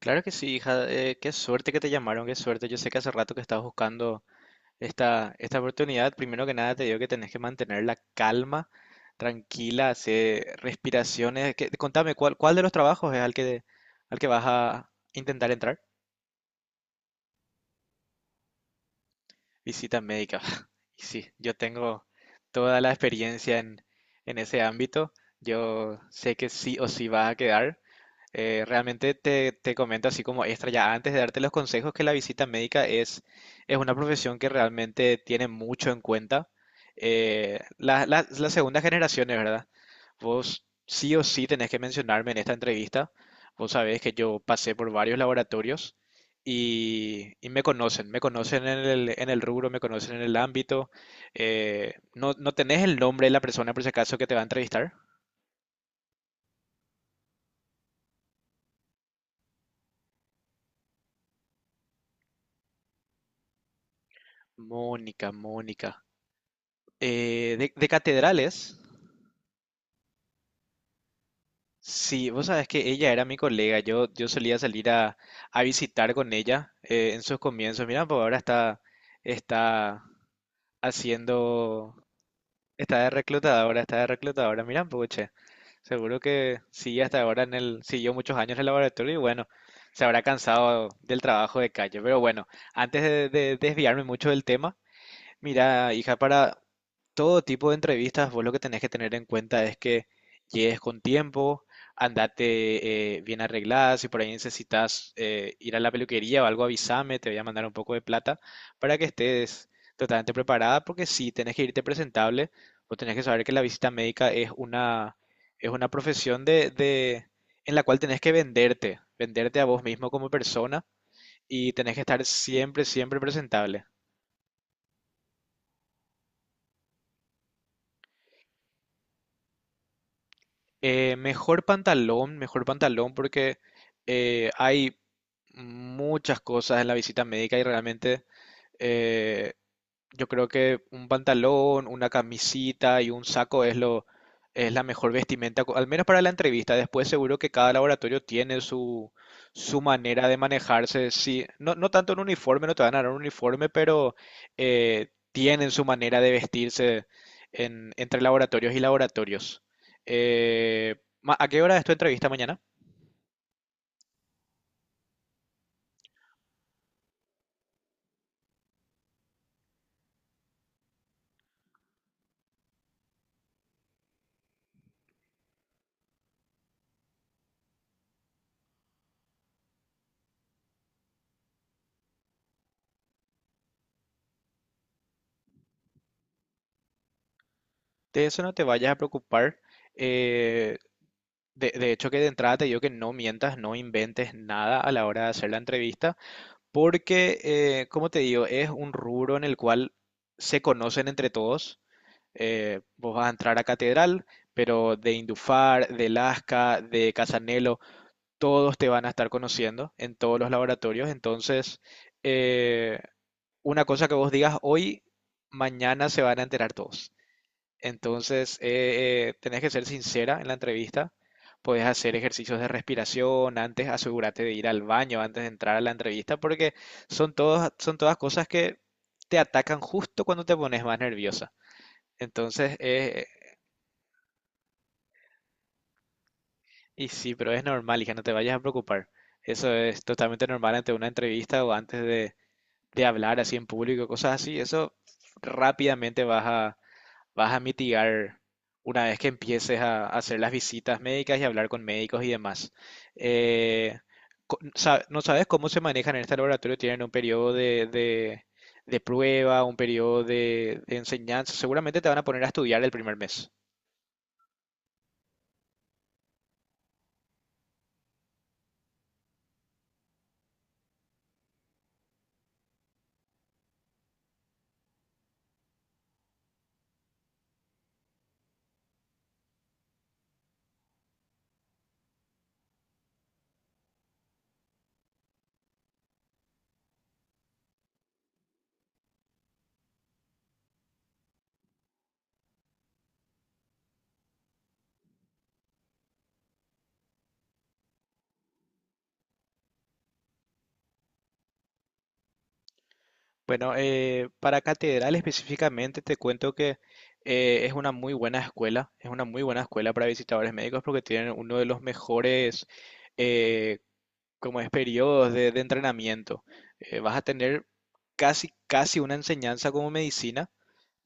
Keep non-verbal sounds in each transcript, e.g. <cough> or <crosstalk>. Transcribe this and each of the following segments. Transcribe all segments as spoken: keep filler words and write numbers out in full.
Claro que sí, hija. Eh, qué suerte que te llamaron, qué suerte. Yo sé que hace rato que estabas buscando esta, esta oportunidad. Primero que nada te digo que tenés que mantener la calma, tranquila, hacer respiraciones. Que- contame, ¿cuál, cuál de los trabajos es al que, al que vas a intentar entrar? Visita médica. <laughs> Y sí, yo tengo toda la experiencia en, en ese ámbito. Yo sé que sí o sí va a quedar. Eh, realmente te, te comento así como extra ya antes de darte los consejos que la visita médica es, es una profesión que realmente tiene mucho en cuenta. Eh, la- la- las segundas generaciones, ¿verdad? Vos sí o sí tenés que mencionarme en esta entrevista. Vos sabés que yo pasé por varios laboratorios y, y me conocen, me conocen en el, en el rubro, me conocen en el ámbito. Eh, ¿no, no tenés el nombre de la persona por si acaso que te va a entrevistar? Mónica, Mónica. Eh, de, de catedrales, sí, vos sabés que ella era mi colega, yo, yo solía salir a, a visitar con ella eh, en sus comienzos. Mira, pues ahora está, está haciendo. Está de reclutadora, está de reclutadora. Mira un poco, che. Seguro que sigue hasta ahora en el, siguió muchos años en el laboratorio y bueno, se habrá cansado del trabajo de calle. Pero bueno, antes de, de desviarme mucho del tema, mira, hija, para todo tipo de entrevistas, vos lo que tenés que tener en cuenta es que llegues con tiempo, andate eh, bien arreglada, si por ahí necesitas eh, ir a la peluquería o algo, avísame, te voy a mandar un poco de plata para que estés totalmente preparada, porque si tenés que irte presentable, vos tenés que saber que la visita médica es una, es una profesión de, de- en la cual tenés que venderte, venderte a vos mismo como persona y tenés que estar siempre, siempre presentable. Eh, mejor pantalón, mejor pantalón porque eh, hay muchas cosas en la visita médica y realmente eh, yo creo que un pantalón, una camisita y un saco es lo es la mejor vestimenta, co- al menos para la entrevista. Después seguro que cada laboratorio tiene su su manera de manejarse. Sí, no no tanto un uniforme, no te van a dar un uniforme, pero eh, tienen su manera de vestirse en- entre laboratorios y laboratorios. Eh, ma- ¿A qué hora es tu entrevista mañana? De eso no te vayas a preocupar. eh, de, de hecho, que de entrada te digo que no mientas, no inventes nada a la hora de hacer la entrevista, porque, eh, como te digo, es un rubro en el cual se conocen entre todos. Eh, vos vas a entrar a Catedral, pero de Indufar, de Lasca, de Casanelo, todos te van a estar conociendo en todos los laboratorios. Entonces, eh, una cosa que vos digas hoy, mañana se van a enterar todos. Entonces, eh, eh, tenés que ser sincera en la entrevista. Podés hacer ejercicios de respiración antes, asegúrate de ir al baño antes de entrar a la entrevista, porque son todos, son todas cosas que te atacan justo cuando te pones más nerviosa. Entonces, eh, y sí, pero es normal, hija, no te vayas a preocupar. Eso es totalmente normal ante una entrevista o antes de, de hablar así en público, cosas así. Eso rápidamente vas a, vas a mitigar una vez que empieces a a hacer las visitas médicas y hablar con médicos y demás. Eh, co- sa- ¿No sabes cómo se manejan en este laboratorio? ¿Tienen un periodo de, de- de prueba, un periodo de, de enseñanza? Seguramente te van a poner a estudiar el primer mes. Bueno, eh, para Catedral específicamente te cuento que eh, es una muy buena escuela, es una muy buena escuela para visitadores médicos porque tienen uno de los mejores eh, como es periodos de, de entrenamiento, eh, vas a tener casi, casi una enseñanza como medicina.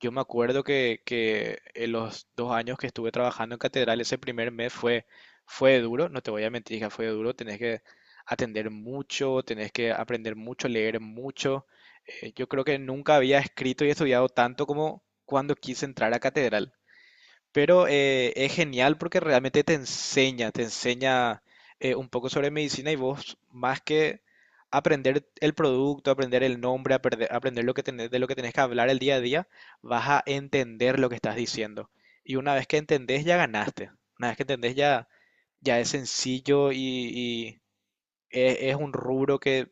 Yo me acuerdo que, que en los dos años que estuve trabajando en Catedral, ese primer mes fue, fue duro, no te voy a mentir, hija, fue duro, tenés que atender mucho, tenés que aprender mucho, leer mucho. Eh, yo creo que nunca había escrito y estudiado tanto como cuando quise entrar a Catedral. Pero eh, es genial porque realmente te enseña, te enseña eh, un poco sobre medicina y vos más que aprender el producto, aprender el nombre, aprende- aprender, lo que tenés- de lo que tenés que hablar el día a día, vas a entender lo que estás diciendo. Y una vez que entendés ya ganaste. Una vez que entendés ya, ya es sencillo y es, es un rubro que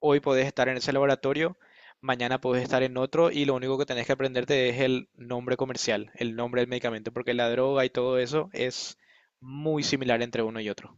hoy podés estar en ese laboratorio, mañana podés estar en otro y lo único que tenés que aprenderte es el nombre comercial, el nombre del medicamento, porque la droga y todo eso es muy similar entre uno y otro.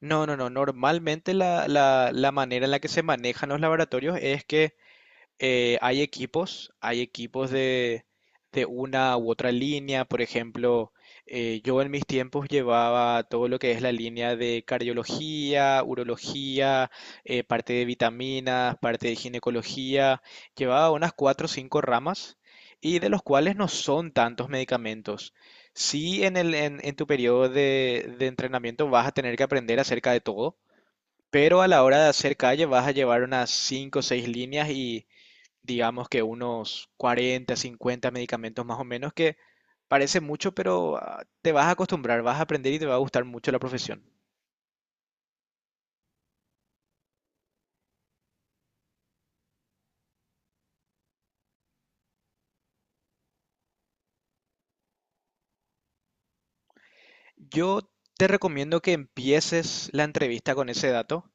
No, no, no. Normalmente la, la, la manera en la que se manejan los laboratorios es que eh, hay equipos, hay equipos de, de una u otra línea. Por ejemplo, eh, yo en mis tiempos llevaba todo lo que es la línea de cardiología, urología, eh, parte de vitaminas, parte de ginecología. Llevaba unas cuatro o cinco ramas y de los cuales no son tantos medicamentos. Sí, en el, en, en tu periodo de, de entrenamiento vas a tener que aprender acerca de todo, pero a la hora de hacer calle vas a llevar unas cinco o seis líneas y digamos que unos cuarenta cincuenta medicamentos más o menos, que parece mucho, pero ah, te vas a acostumbrar, vas a aprender y te va a gustar mucho la profesión. Yo te recomiendo que empieces la entrevista con ese dato,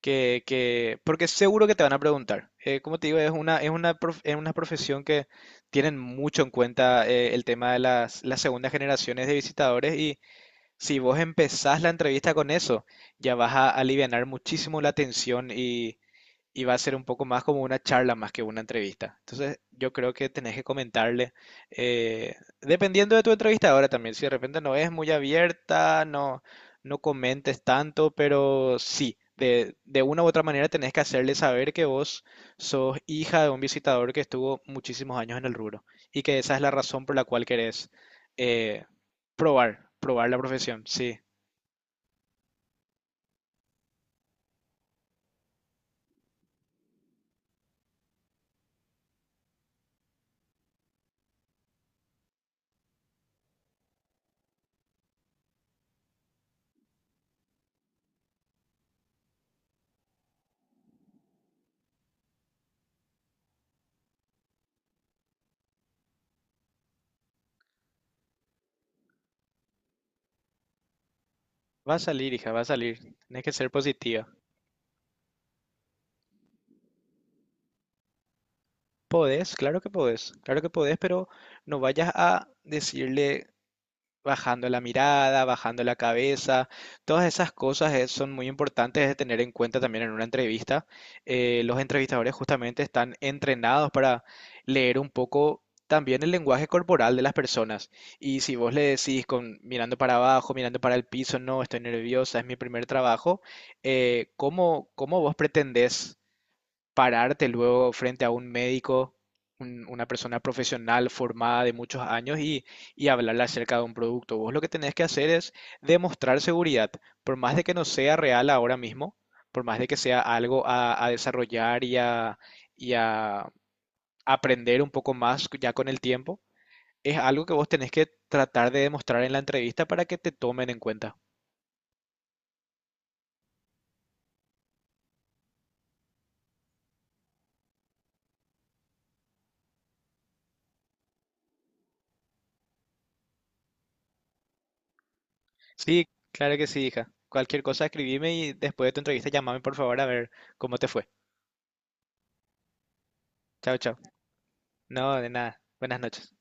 que, que, porque seguro que te van a preguntar. Eh, como te digo, es una, es una, prof- es una profesión que tienen mucho en cuenta eh, el tema de las, las segundas generaciones de visitadores y si vos empezás la entrevista con eso, ya vas a alivianar muchísimo la tensión y va a ser un poco más como una charla más que una entrevista. Entonces, yo creo que tenés que comentarle, eh, dependiendo de tu entrevistadora también, si de repente no es muy abierta, no, no comentes tanto, pero sí, de, de una u otra manera tenés que hacerle saber que vos sos hija de un visitador que estuvo muchísimos años en el rubro y que esa es la razón por la cual querés eh, probar, probar la profesión. Sí, va a salir, hija, va a salir. Tenés que ser positiva. Podés, claro que podés, claro que podés, pero no vayas a decirle bajando la mirada, bajando la cabeza, todas esas cosas eh, son muy importantes de tener en cuenta también en una entrevista. Eh, los entrevistadores justamente están entrenados para leer un poco también el lenguaje corporal de las personas. Y si vos le decís con mirando para abajo, mirando para el piso, no, estoy nerviosa, es mi primer trabajo, eh, ¿cómo, cómo vos pretendés pararte luego frente a un médico, un- una persona profesional formada de muchos años y, y hablarle acerca de un producto? Vos lo que tenés que hacer es demostrar seguridad, por más de que no sea real ahora mismo, por más de que sea algo a, a desarrollar y a, y a aprender un poco más ya con el tiempo. Es algo que vos tenés que tratar de demostrar en la entrevista para que te tomen en cuenta. Sí, claro que sí, hija. Cualquier cosa escribime y después de tu entrevista llamame por favor a ver cómo te fue. Chao, chao. No, de nada. Buenas noches.